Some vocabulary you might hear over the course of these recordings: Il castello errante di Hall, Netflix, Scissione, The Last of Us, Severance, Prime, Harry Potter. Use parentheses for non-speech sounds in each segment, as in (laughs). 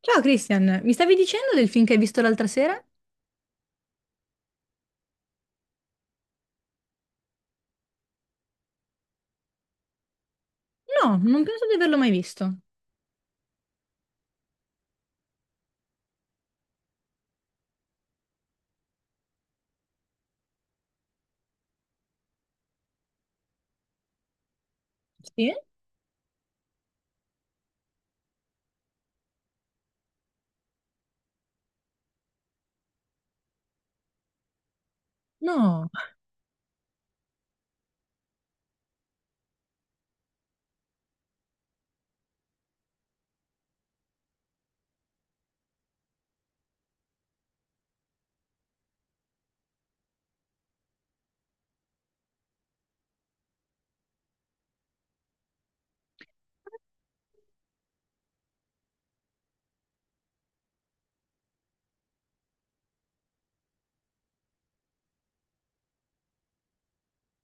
Ciao Christian, mi stavi dicendo del film che hai visto l'altra sera? No, non penso di averlo mai visto. Sì? No.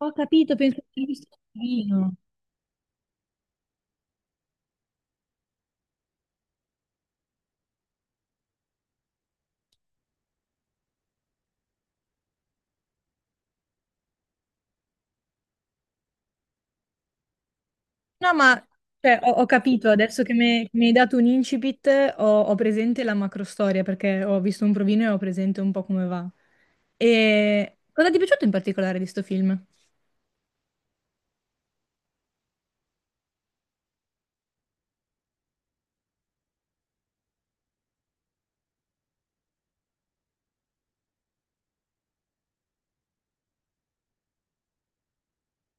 Ho capito, penso che l'hai visto un filmino. No, ma cioè, ho capito, adesso che mi hai dato un incipit, ho presente la macrostoria perché ho visto un provino e ho presente un po' come va. E cosa ti è piaciuto in particolare di sto film?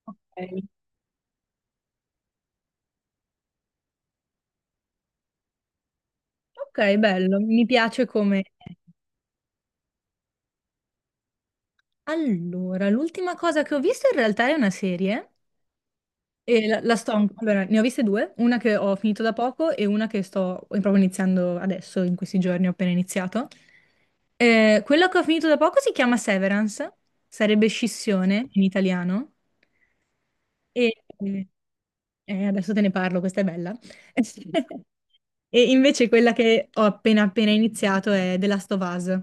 Ok. Ok, bello, mi piace come... Allora, l'ultima cosa che ho visto in realtà è una serie. E allora, ne ho viste due, una che ho finito da poco e una che sto proprio iniziando adesso, in questi giorni ho appena iniziato. Quella che ho finito da poco si chiama Severance, sarebbe scissione in italiano, e eh, adesso te ne parlo, questa è bella. (laughs) E invece quella che ho appena appena iniziato è The Last of Us,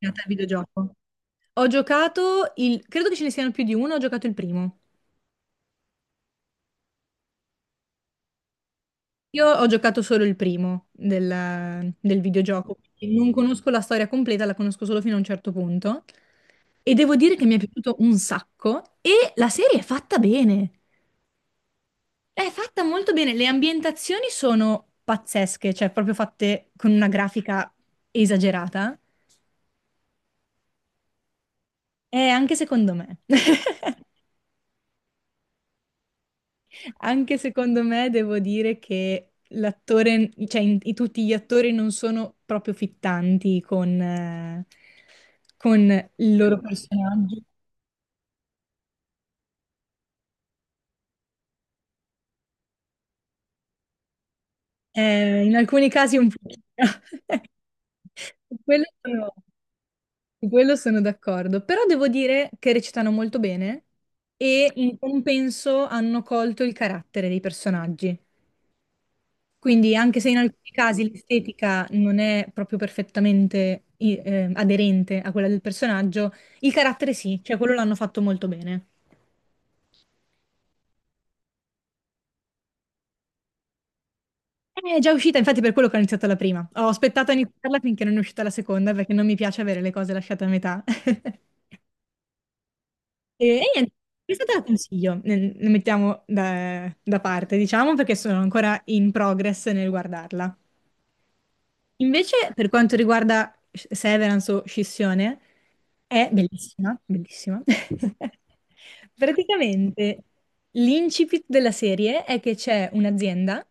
nata al videogioco. Ho giocato il, credo che ce ne siano più di uno, ho giocato il primo. Io ho giocato solo il primo del videogioco, quindi non conosco la storia completa, la conosco solo fino a un certo punto. E devo dire che mi è piaciuto un sacco e la serie è fatta bene. È fatta molto bene, le ambientazioni sono pazzesche, cioè proprio fatte con una grafica esagerata. E anche secondo me. (laughs) Anche secondo me devo dire che l'attore, cioè tutti gli attori non sono proprio fittanti con il loro personaggio. In alcuni casi un pochino. (laughs) Su Quello sono, su quello sono d'accordo, però devo dire che recitano molto bene e in compenso hanno colto il carattere dei personaggi. Quindi anche se in alcuni casi l'estetica non è proprio perfettamente aderente a quella del personaggio, il carattere sì, cioè quello l'hanno fatto molto bene. È già uscita, infatti per quello che ho iniziato la prima. Ho aspettato a iniziarla finché non è uscita la seconda perché non mi piace avere le cose lasciate a metà. (laughs) E niente, questa te la consiglio, ne mettiamo da parte, diciamo, perché sono ancora in progress nel guardarla. Invece, per quanto riguarda Severance o Scissione, è bellissima, bellissima. (laughs) Praticamente l'incipit della serie è che c'è un'azienda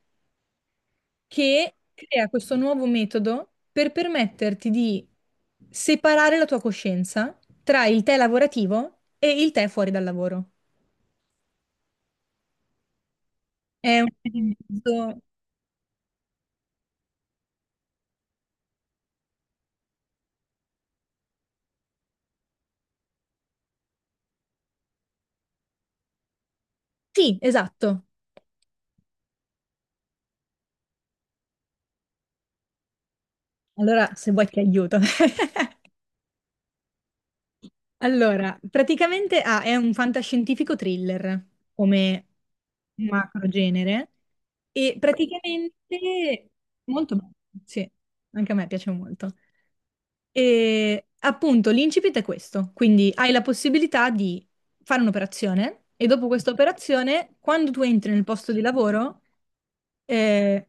che crea questo nuovo metodo per permetterti di separare la tua coscienza tra il te lavorativo e il te fuori dal lavoro. È un mezzo... Sì, esatto. Allora, se vuoi ti aiuto. (laughs) Allora, praticamente è un fantascientifico thriller come macro genere e praticamente molto bello, sì, anche a me piace molto. E appunto l'incipit è questo, quindi hai la possibilità di fare un'operazione e dopo questa operazione, quando tu entri nel posto di lavoro, eh,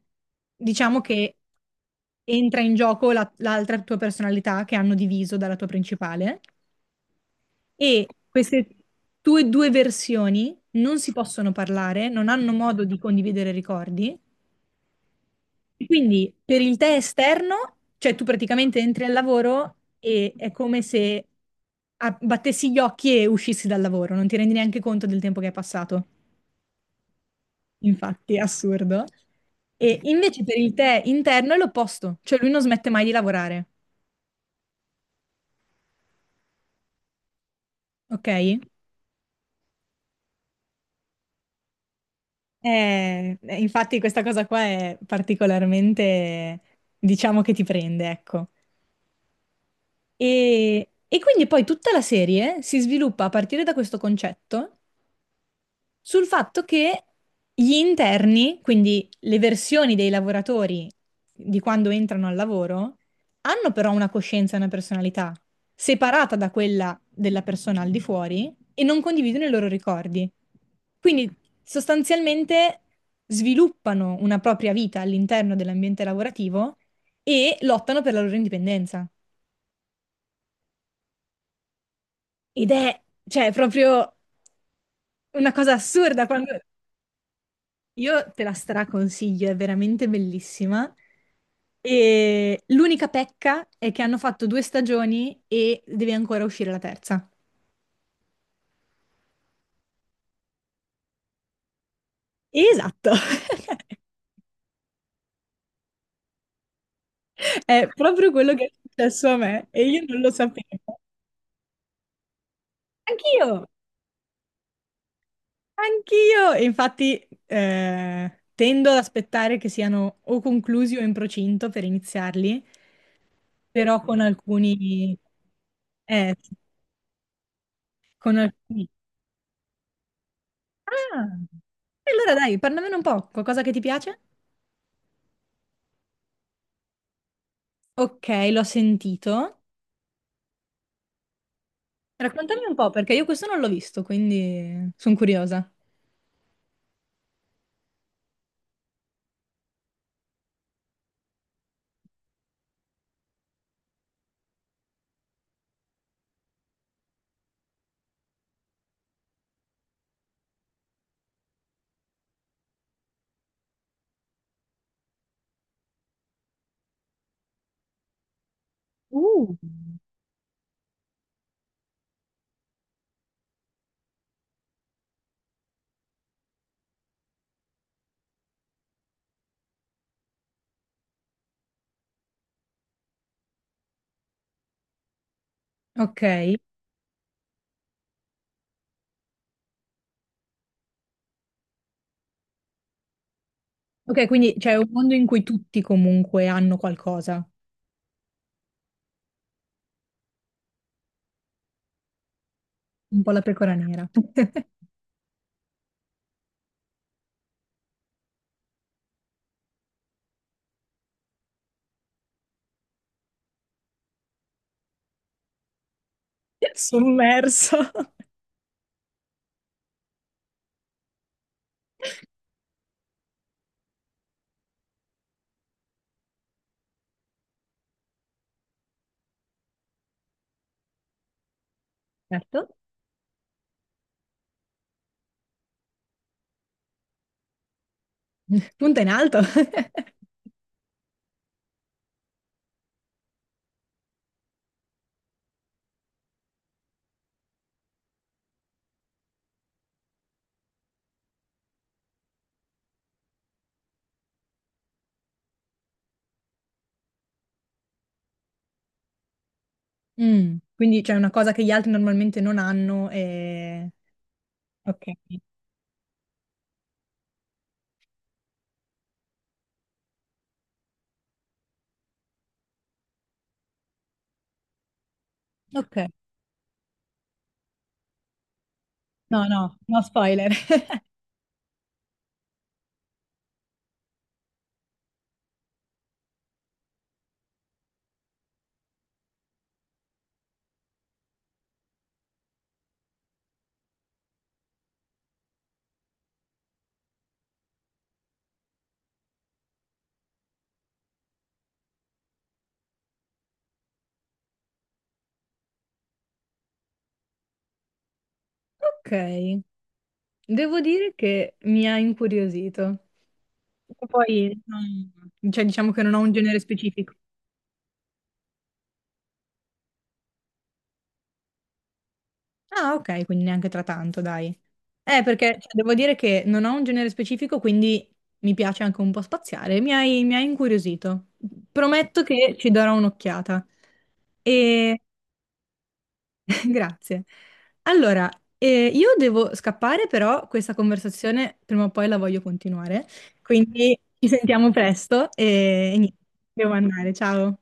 diciamo che entra in gioco l'altra tua personalità che hanno diviso dalla tua principale e queste tue due versioni non si possono parlare, non hanno modo di condividere ricordi. E quindi per il te esterno, cioè tu praticamente entri al lavoro e è come se battessi gli occhi e uscissi dal lavoro, non ti rendi neanche conto del tempo che è passato. Infatti, è assurdo. E invece per il te interno è l'opposto, cioè lui non smette mai di lavorare, ok? Infatti questa cosa qua è particolarmente, diciamo che ti prende, ecco. E quindi poi tutta la serie si sviluppa a partire da questo concetto sul fatto che gli interni, quindi le versioni dei lavoratori di quando entrano al lavoro, hanno però una coscienza e una personalità separata da quella della persona al di fuori e non condividono i loro ricordi. Quindi sostanzialmente sviluppano una propria vita all'interno dell'ambiente lavorativo e lottano per la loro indipendenza. Ed è, cioè, proprio una cosa assurda quando... Io te la straconsiglio, è veramente bellissima. E l'unica pecca è che hanno fatto due stagioni e deve ancora uscire la terza. Esatto, (laughs) è proprio quello che è successo a me e io non lo sapevo. Anch'io, anch'io. E infatti tendo ad aspettare che siano o conclusi o in procinto per iniziarli, però con alcuni... eh, con alcuni... Ah, e allora dai, parlamene un po', qualcosa che ti piace? Ok, l'ho sentito. Raccontami un po', perché io questo non l'ho visto, quindi sono curiosa. Uh. Ok. Ok, quindi c'è un mondo in cui tutti comunque hanno qualcosa, un po' la pecora nera. (laughs) Sommerso. Certo. Punta in alto. (laughs) Mm, quindi c'è una cosa che gli altri normalmente non hanno e... Ok. Ok. No, no, no spoiler. (laughs) Ok. Devo dire che mi ha incuriosito. Poi, cioè, diciamo che non ho un genere specifico. Ah, ok, quindi neanche tra tanto, dai. Perché cioè, devo dire che non ho un genere specifico, quindi mi piace anche un po' spaziare. Mi hai incuriosito. Prometto che ci darò un'occhiata. E (laughs) grazie. Allora, io devo scappare, però questa conversazione prima o poi la voglio continuare, quindi ci sentiamo presto e niente, devo andare. Ciao.